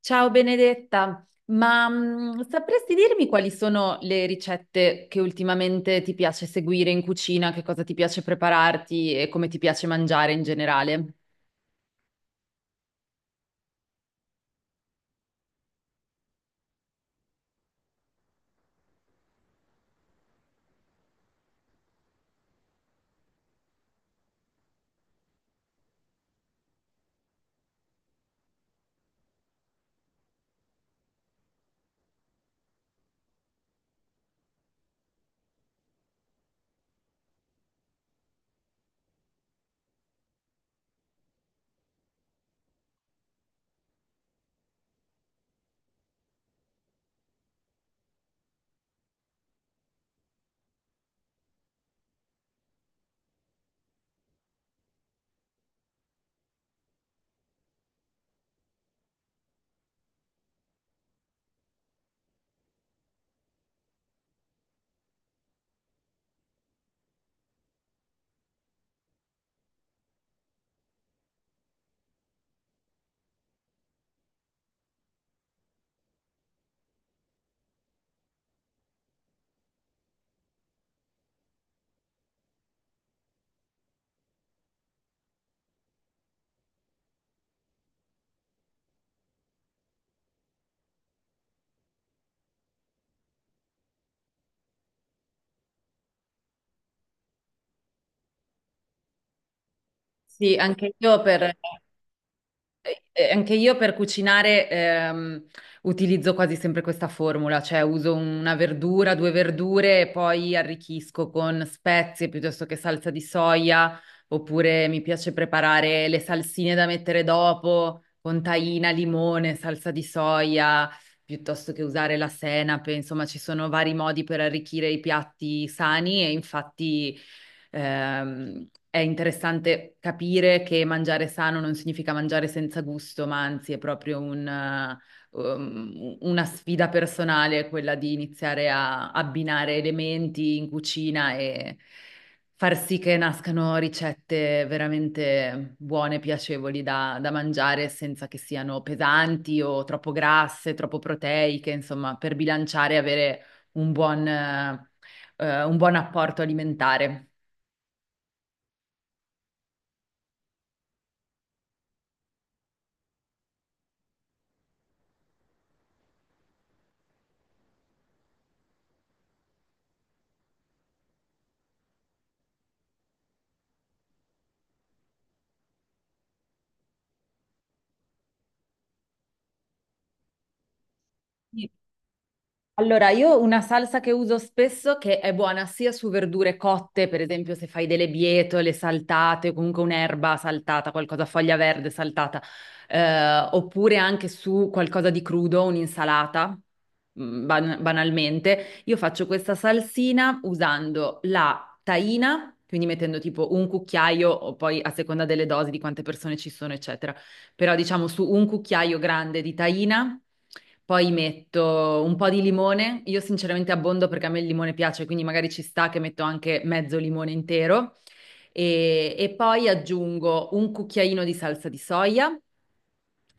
Ciao Benedetta, sapresti dirmi quali sono le ricette che ultimamente ti piace seguire in cucina, che cosa ti piace prepararti e come ti piace mangiare in generale? Sì, anche io per, Anche io per cucinare utilizzo quasi sempre questa formula, cioè uso una verdura, due verdure e poi arricchisco con spezie piuttosto che salsa di soia, oppure mi piace preparare le salsine da mettere dopo con tahina, limone, salsa di soia, piuttosto che usare la senape. Insomma, ci sono vari modi per arricchire i piatti sani e infatti è interessante capire che mangiare sano non significa mangiare senza gusto, ma anzi è proprio una sfida personale, quella di iniziare a abbinare elementi in cucina e far sì che nascano ricette veramente buone, piacevoli da mangiare senza che siano pesanti o troppo grasse, troppo proteiche. Insomma, per bilanciare e avere un un buon apporto alimentare. Sì. Allora, io una salsa che uso spesso, che è buona sia su verdure cotte, per esempio se fai delle bietole saltate, o comunque un'erba saltata, qualcosa foglia verde saltata, oppure anche su qualcosa di crudo, un'insalata, banalmente. Io faccio questa salsina usando la tahina, quindi mettendo tipo un cucchiaio, o poi a seconda delle dosi di quante persone ci sono, eccetera. Però diciamo su un cucchiaio grande di tahina, poi metto un po' di limone, io sinceramente abbondo perché a me il limone piace, quindi magari ci sta che metto anche mezzo limone intero e poi aggiungo un cucchiaino di salsa di soia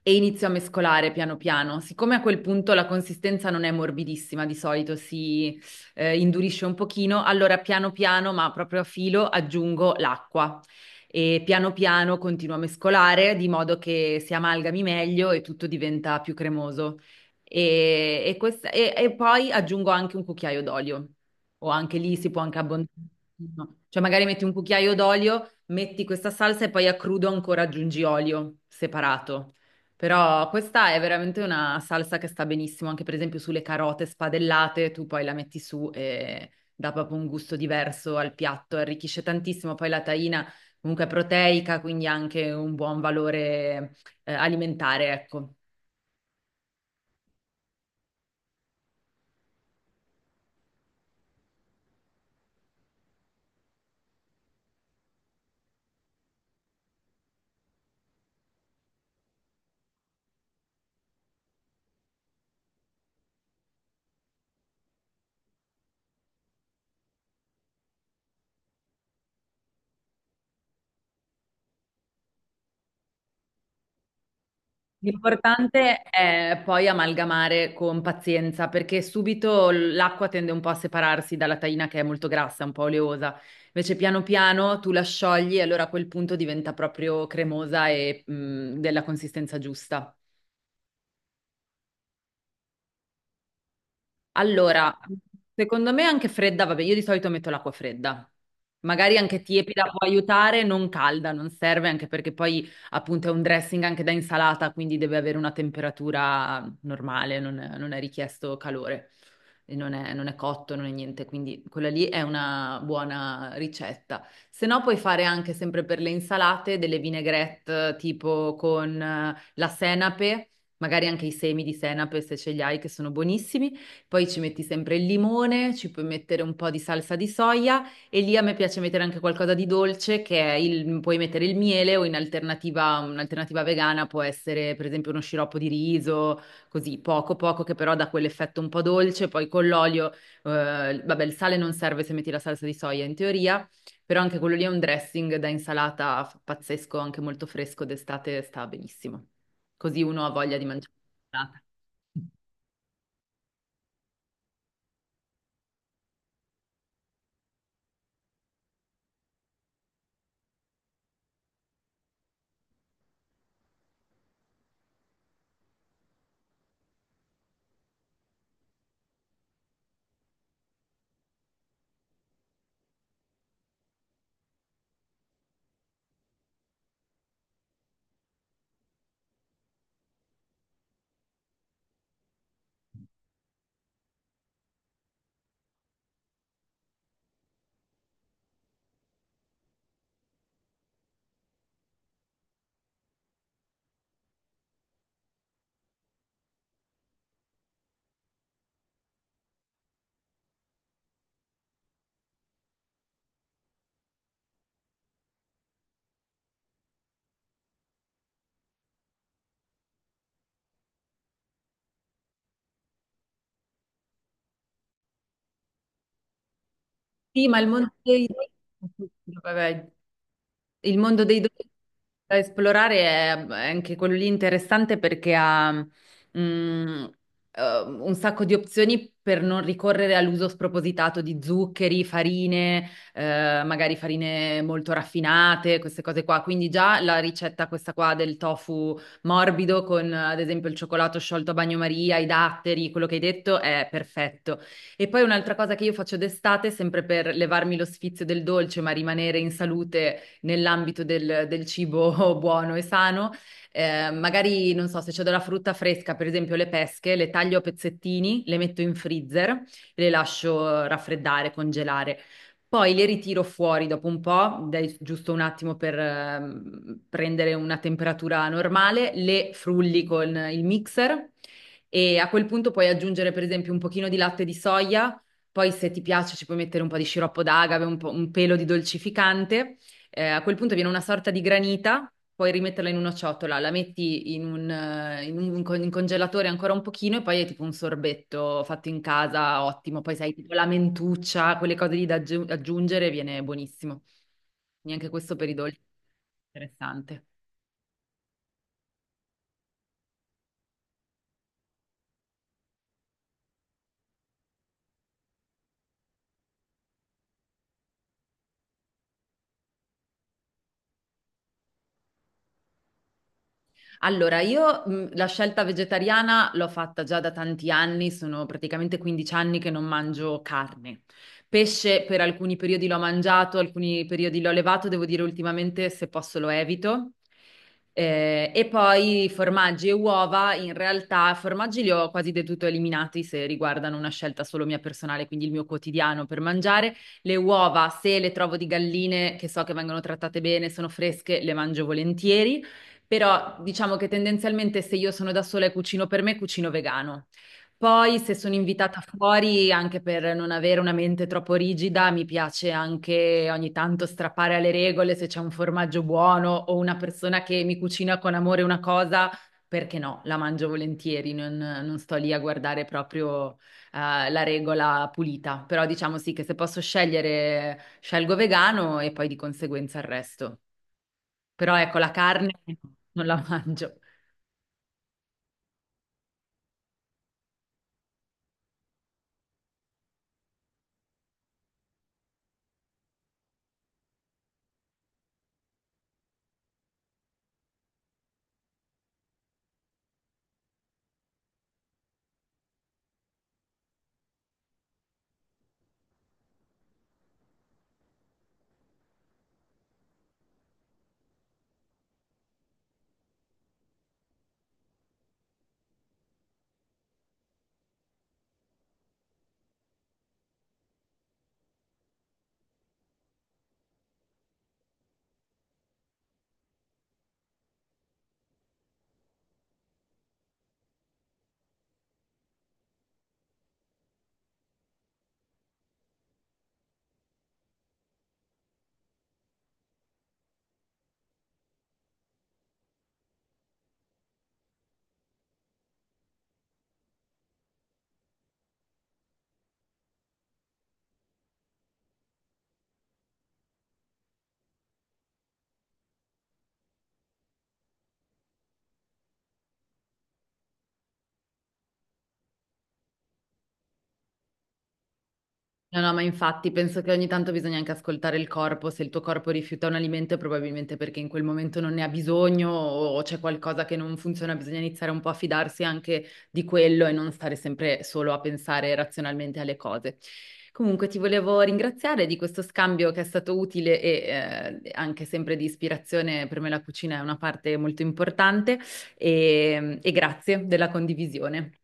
e inizio a mescolare piano piano. Siccome a quel punto la consistenza non è morbidissima, di solito si indurisce un pochino, allora piano piano, ma proprio a filo, aggiungo l'acqua e piano piano continua a mescolare di modo che si amalgami meglio e tutto diventa più cremoso. E poi aggiungo anche un cucchiaio d'olio, o anche lì si può anche abbondare. No? Cioè magari metti un cucchiaio d'olio, metti questa salsa e poi a crudo ancora aggiungi olio separato. Però questa è veramente una salsa che sta benissimo, anche per esempio sulle carote spadellate, tu poi la metti su e dà proprio un gusto diverso al piatto, arricchisce tantissimo. Poi la tahina comunque proteica, quindi anche un buon valore alimentare, ecco. L'importante è poi amalgamare con pazienza, perché subito l'acqua tende un po' a separarsi dalla taina, che è molto grassa, un po' oleosa. Invece piano piano tu la sciogli e allora a quel punto diventa proprio cremosa e, della consistenza giusta. Allora, secondo me anche fredda. Vabbè, io di solito metto l'acqua fredda. Magari anche tiepida può aiutare, non calda, non serve, anche perché poi appunto è un dressing anche da insalata, quindi deve avere una temperatura normale, non è richiesto calore, e non è cotto, non è niente, quindi quella lì è una buona ricetta. Se no puoi fare anche sempre per le insalate delle vinaigrette tipo con la senape, magari anche i semi di senape se ce li hai, che sono buonissimi. Poi ci metti sempre il limone, ci puoi mettere un po' di salsa di soia e lì a me piace mettere anche qualcosa di dolce, che è il, puoi mettere il miele o in alternativa, un'alternativa vegana può essere per esempio uno sciroppo di riso, così poco poco che però dà quell'effetto un po' dolce. Poi con l'olio, vabbè, il sale non serve se metti la salsa di soia in teoria. Però anche quello lì è un dressing da insalata pazzesco, anche molto fresco d'estate, sta benissimo. Così uno ha voglia di mangiare. Sì, ma il Monte dei... Vabbè, il mondo dei dolci da esplorare è anche quello lì interessante, perché ha mm, un sacco di opzioni per non ricorrere all'uso spropositato di zuccheri, farine, magari farine molto raffinate, queste cose qua. Quindi già la ricetta questa qua del tofu morbido con, ad esempio, il cioccolato sciolto a bagnomaria, i datteri, quello che hai detto è perfetto. E poi un'altra cosa che io faccio d'estate, sempre per levarmi lo sfizio del dolce, ma rimanere in salute nell'ambito del cibo buono e sano. Magari, non so, se c'è della frutta fresca, per esempio le pesche, le taglio a pezzettini, le metto in freezer, le lascio raffreddare, congelare. Poi le ritiro fuori dopo un po', dai giusto un attimo per prendere una temperatura normale, le frulli con il mixer e a quel punto puoi aggiungere per esempio un pochino di latte di soia. Poi se ti piace ci puoi mettere un po' di sciroppo d'agave, un po', un pelo di dolcificante. A quel punto viene una sorta di granita, puoi rimetterla in una ciotola, la metti in un con- in congelatore ancora un pochino e poi è tipo un sorbetto fatto in casa, ottimo. Poi sai, tipo la mentuccia, quelle cose lì da aggiungere, viene buonissimo. Neanche questo per i dolci, interessante. Allora, io, la scelta vegetariana l'ho fatta già da tanti anni, sono praticamente 15 anni che non mangio carne. Pesce per alcuni periodi l'ho mangiato, alcuni periodi l'ho levato, devo dire ultimamente se posso lo evito. E poi formaggi e uova, in realtà formaggi li ho quasi del tutto eliminati se riguardano una scelta solo mia personale, quindi il mio quotidiano per mangiare. Le uova, se le trovo di galline che so che vengono trattate bene, sono fresche, le mangio volentieri. Però diciamo che tendenzialmente se io sono da sola e cucino per me, cucino vegano. Poi se sono invitata fuori, anche per non avere una mente troppo rigida, mi piace anche ogni tanto strappare alle regole. Se c'è un formaggio buono o una persona che mi cucina con amore una cosa, perché no, la mangio volentieri, non sto lì a guardare proprio la regola pulita. Però diciamo sì che se posso scegliere, scelgo vegano e poi di conseguenza il resto. Però ecco, la carne non la mangio. No, no, ma infatti penso che ogni tanto bisogna anche ascoltare il corpo. Se il tuo corpo rifiuta un alimento è probabilmente perché in quel momento non ne ha bisogno o c'è qualcosa che non funziona, bisogna iniziare un po' a fidarsi anche di quello e non stare sempre solo a pensare razionalmente alle cose. Comunque ti volevo ringraziare di questo scambio, che è stato utile e, anche sempre di ispirazione. Per me la cucina è una parte molto importante e grazie della condivisione.